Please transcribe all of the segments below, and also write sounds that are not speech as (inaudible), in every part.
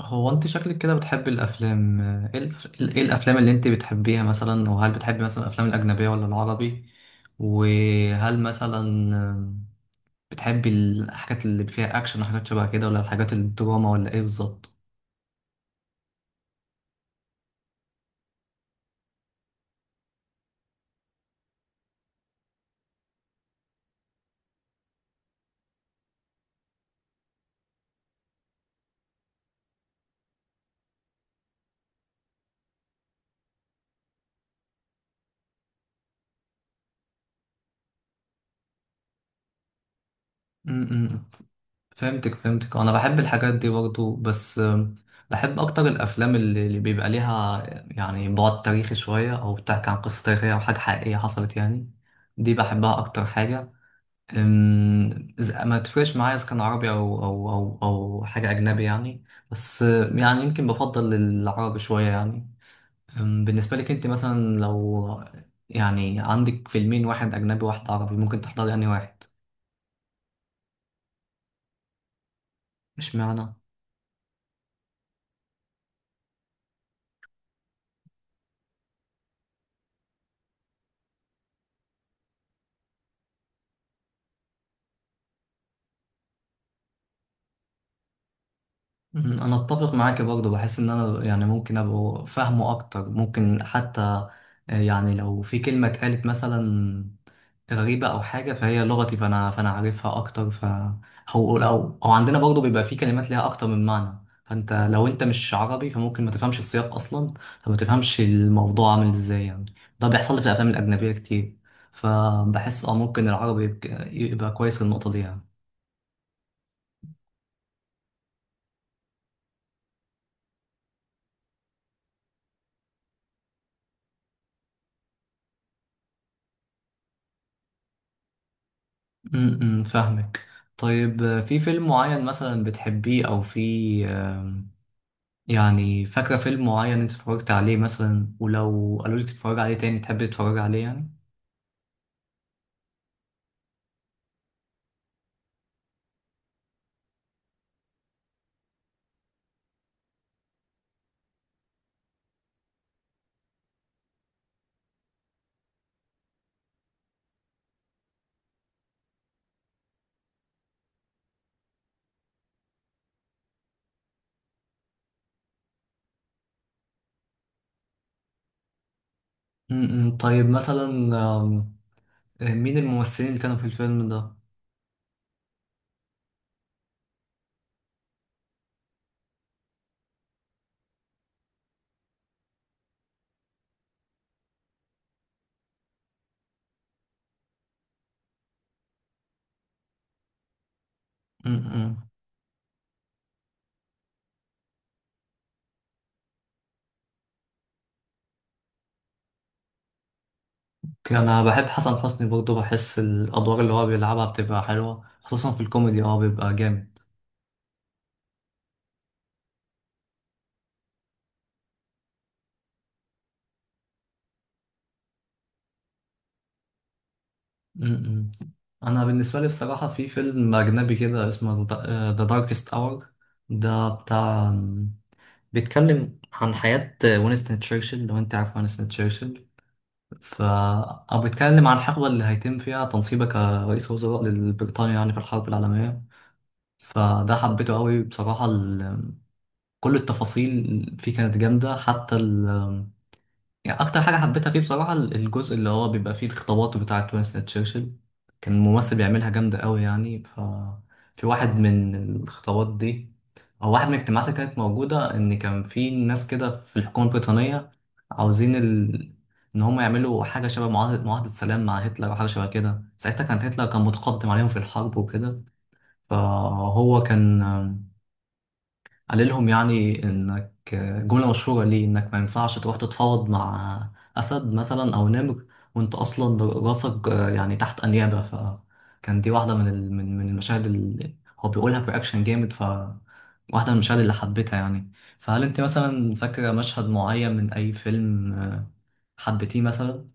هو انت شكلك كده بتحب الافلام ايه الأف- إيه الافلام اللي انت بتحبيها مثلا، وهل بتحبي مثلا الافلام الاجنبيه ولا العربي؟ وهل مثلا بتحبي الحاجات اللي فيها اكشن وحاجات شبه كده، ولا الحاجات الدراما ولا ايه بالظبط؟ م- م. فهمتك. انا بحب الحاجات دي برضو، بس بحب اكتر الافلام اللي بيبقى ليها يعني بعد تاريخي شويه، او بتحكي عن قصه تاريخيه او حاجه حقيقيه حصلت يعني. دي بحبها اكتر حاجه. أم، ما تفرقش معايا اذا كان عربي او حاجه اجنبي يعني. بس يعني يمكن بفضل العربي شويه يعني. بالنسبه لك انت مثلا لو يعني عندك فيلمين، واحد اجنبي واحد عربي، ممكن تحضري انهي واحد؟ مش معنى. مم، انا اتفق معاك برضه. بحس ان انا يعني ممكن ابقى فاهمه اكتر، ممكن حتى يعني لو في كلمه اتقالت مثلا غريبه او حاجه فهي لغتي، فانا عارفها اكتر، ف او او أو عندنا برضه بيبقى في كلمات ليها اكتر من معنى. فانت لو انت مش عربي فممكن ما تفهمش السياق اصلا، فما تفهمش الموضوع عامل ازاي يعني. ده بيحصل لي في الافلام الاجنبيه كتير، فبحس اه ممكن العربي يبقى كويس في النقطه دي يعني. امم، فاهمك. طيب، في فيلم معين مثلا بتحبيه، او في يعني فاكرة فيلم معين انت اتفرجت عليه مثلا، ولو قالوا لك تتفرج عليه تاني تحب تتفرج عليه يعني؟ امم، طيب مثلا، آم، آه، مين الممثلين اللي كانوا في الفيلم ده؟ امم، انا بحب حسن حسني برضه. بحس الادوار اللي هو بيلعبها بتبقى حلوة، خصوصا في الكوميدي اه بيبقى جامد. م-م. انا بالنسبه لي بصراحه في فيلم اجنبي كده اسمه ذا داركست اور. ده بتاع، بيتكلم عن حياه وينستون تشرشل، لو انت عارف وينستون تشرشل، ف او بيتكلم عن الحقبه اللي هيتم فيها تنصيبه كرئيس وزراء لبريطانيا يعني في الحرب العالميه. فده حبيته قوي بصراحه. ال... كل التفاصيل فيه كانت جامده حتى. يعني اكتر حاجه حبيتها فيه بصراحه الجزء اللي هو بيبقى فيه الخطابات بتاعه وينستون تشرشل. كان ممثل بيعملها جامده قوي يعني. ف في واحد من الخطابات دي او واحد من الاجتماعات اللي كانت موجوده، ان كان في ناس كده في الحكومه البريطانيه عاوزين ال... ان هم يعملوا حاجه شبه معاهده سلام مع هتلر او حاجه شبه كده. ساعتها كان هتلر كان متقدم عليهم في الحرب وكده. فهو كان قال لهم يعني انك، جملة مشهورة ليه، انك ما ينفعش تروح تتفاوض مع اسد مثلا او نمر وانت اصلا راسك يعني تحت انيابة. فكان دي واحدة من ال- من من المشاهد اللي هو بيقولها برياكشن جامد، ف واحدة من المشاهد اللي حبيتها يعني. فهل انت مثلا فاكرة مشهد معين من اي فيلم حبيتيه مثلا؟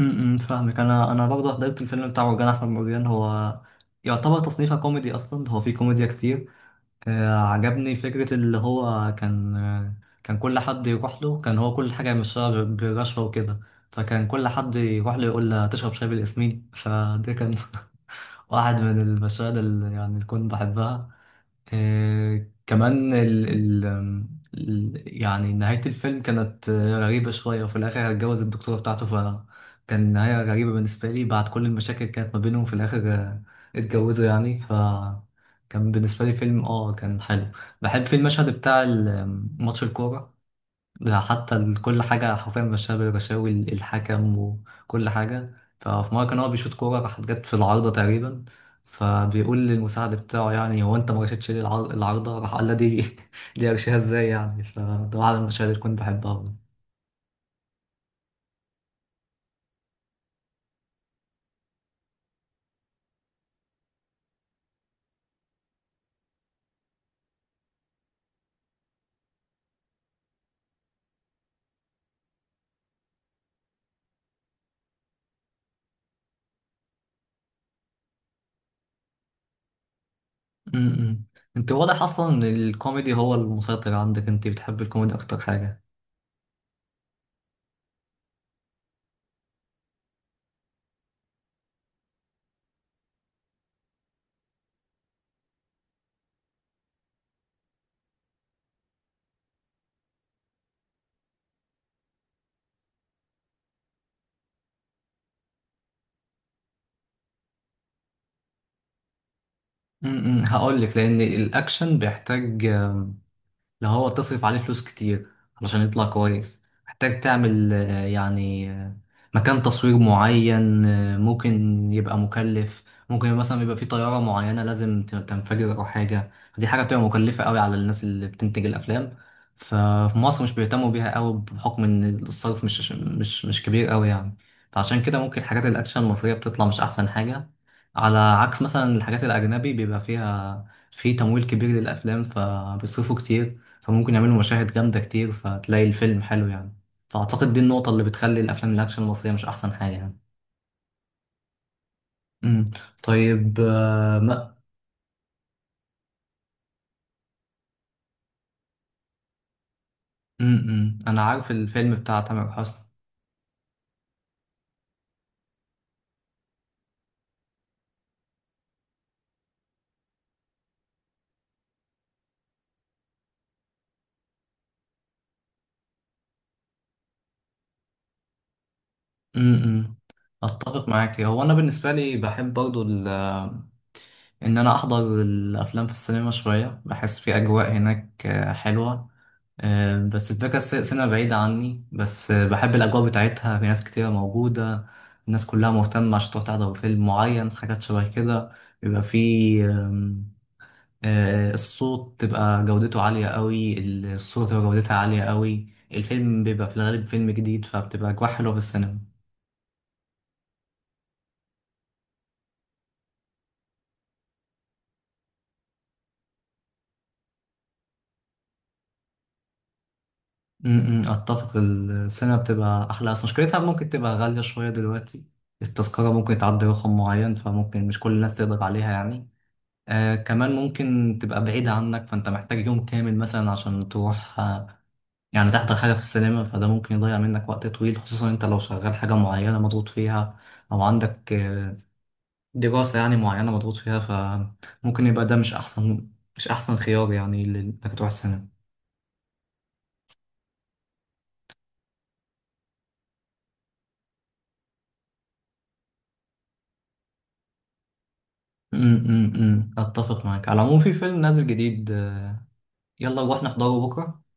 امم، فاهمك. انا برضه حضرت الفيلم بتاع مرجان احمد مرجان. هو يعتبر تصنيفه كوميدي اصلا، هو فيه كوميديا كتير. عجبني فكرة اللي هو كان كان كل حد يروح له كان هو كل حاجة مش بالرشوة وكده. فكان كل حد يروح له يقول له تشرب شاي بالياسمين، فده كان (laughs) واحد من المشاهد اللي يعني اللي كنت بحبها. كمان يعني نهاية الفيلم كانت غريبة شوية. وفي الآخر هتجوز الدكتورة بتاعته، فكان نهاية غريبة بالنسبة لي. بعد كل المشاكل كانت ما بينهم في الآخر اتجوزوا يعني. فكان بالنسبة لي فيلم اه كان حلو. بحب في المشهد بتاع ال- آم، ماتش الكورة ده، حتى كل حاجة حرفيا مشاها بالرشاوي، الحكم وكل حاجة. ففي مرة كان هو بيشوط كورة راحت جت في العارضة تقريبا، فبيقول للمساعد بتاعه يعني هو انت ما رشيتش ليه العارضة، راح قال له دي (laughs) دي ارشيها ازاي يعني. فده واحد من المشاهد اللي كنت بحبها أوي. امم، انت واضح اصلا ان الكوميدي هو المسيطر عندك، انت بتحب الكوميدي اكتر حاجة. امم، هقول لك، لان الاكشن بيحتاج لو هو تصرف عليه فلوس كتير علشان يطلع كويس. محتاج تعمل مكان تصوير معين ممكن يبقى مكلف. ممكن مثلا يبقى في طيارة معينة لازم تنفجر أو حاجة. دي حاجة بتبقى مكلفة قوي على الناس اللي بتنتج الأفلام. ففي مصر مش بيهتموا بيها قوي، بحكم إن الصرف مش كبير قوي يعني. فعشان كده ممكن حاجات الأكشن المصرية بتطلع مش أحسن حاجة. على عكس مثلا الحاجات الأجنبي بيبقى فيها في تمويل كبير للأفلام، فبيصرفوا كتير، فممكن يعملوا مشاهد جامدة كتير، فتلاقي الفيلم حلو يعني. فأعتقد دي النقطة اللي بتخلي الأفلام الأكشن المصرية مش أحسن حاجة يعني. امم، طيب آه، ما امم، أنا عارف الفيلم بتاع تامر حسني. امم، أتفق معاك. هو أنا بالنسبة لي بحب برضو إن أنا أحضر الأفلام في السينما شوية. بحس في أجواء هناك حلوة. بس الفكرة سينما بعيدة عني، بس بحب الأجواء بتاعتها. في ناس كتيرة موجودة، الناس كلها مهتمة عشان تروح تحضر فيلم معين، حاجات شبه كده. بيبقى فيه آم، آه، الصوت تبقى جودته عالية قوي، الصورة تبقى جودتها عالية قوي، الفيلم بيبقى في الغالب فيلم جديد، فبتبقى أجواء حلوة في السينما. م- م، أتفق. السينما بتبقى أحلى، بس مشكلتها ممكن تبقى غالية شوية دلوقتي. التذكرة ممكن تعدي رقم معين، فممكن مش كل الناس تقدر عليها يعني. آه كمان ممكن تبقى بعيدة عنك، فأنت محتاج يوم كامل مثلا عشان تروح آه يعني تحضر حاجة في السينما. فده ممكن يضيع منك وقت طويل، خصوصا أنت لو شغال حاجة معينة مضغوط فيها أو عندك آه دراسة يعني معينة مضغوط فيها. فممكن يبقى ده مش أحسن خيار يعني إنك تروح السينما. أمم، أمم، أمم. أتفق معاك. على العموم في فيلم نازل جديد يلا نروح نحضره بكرة.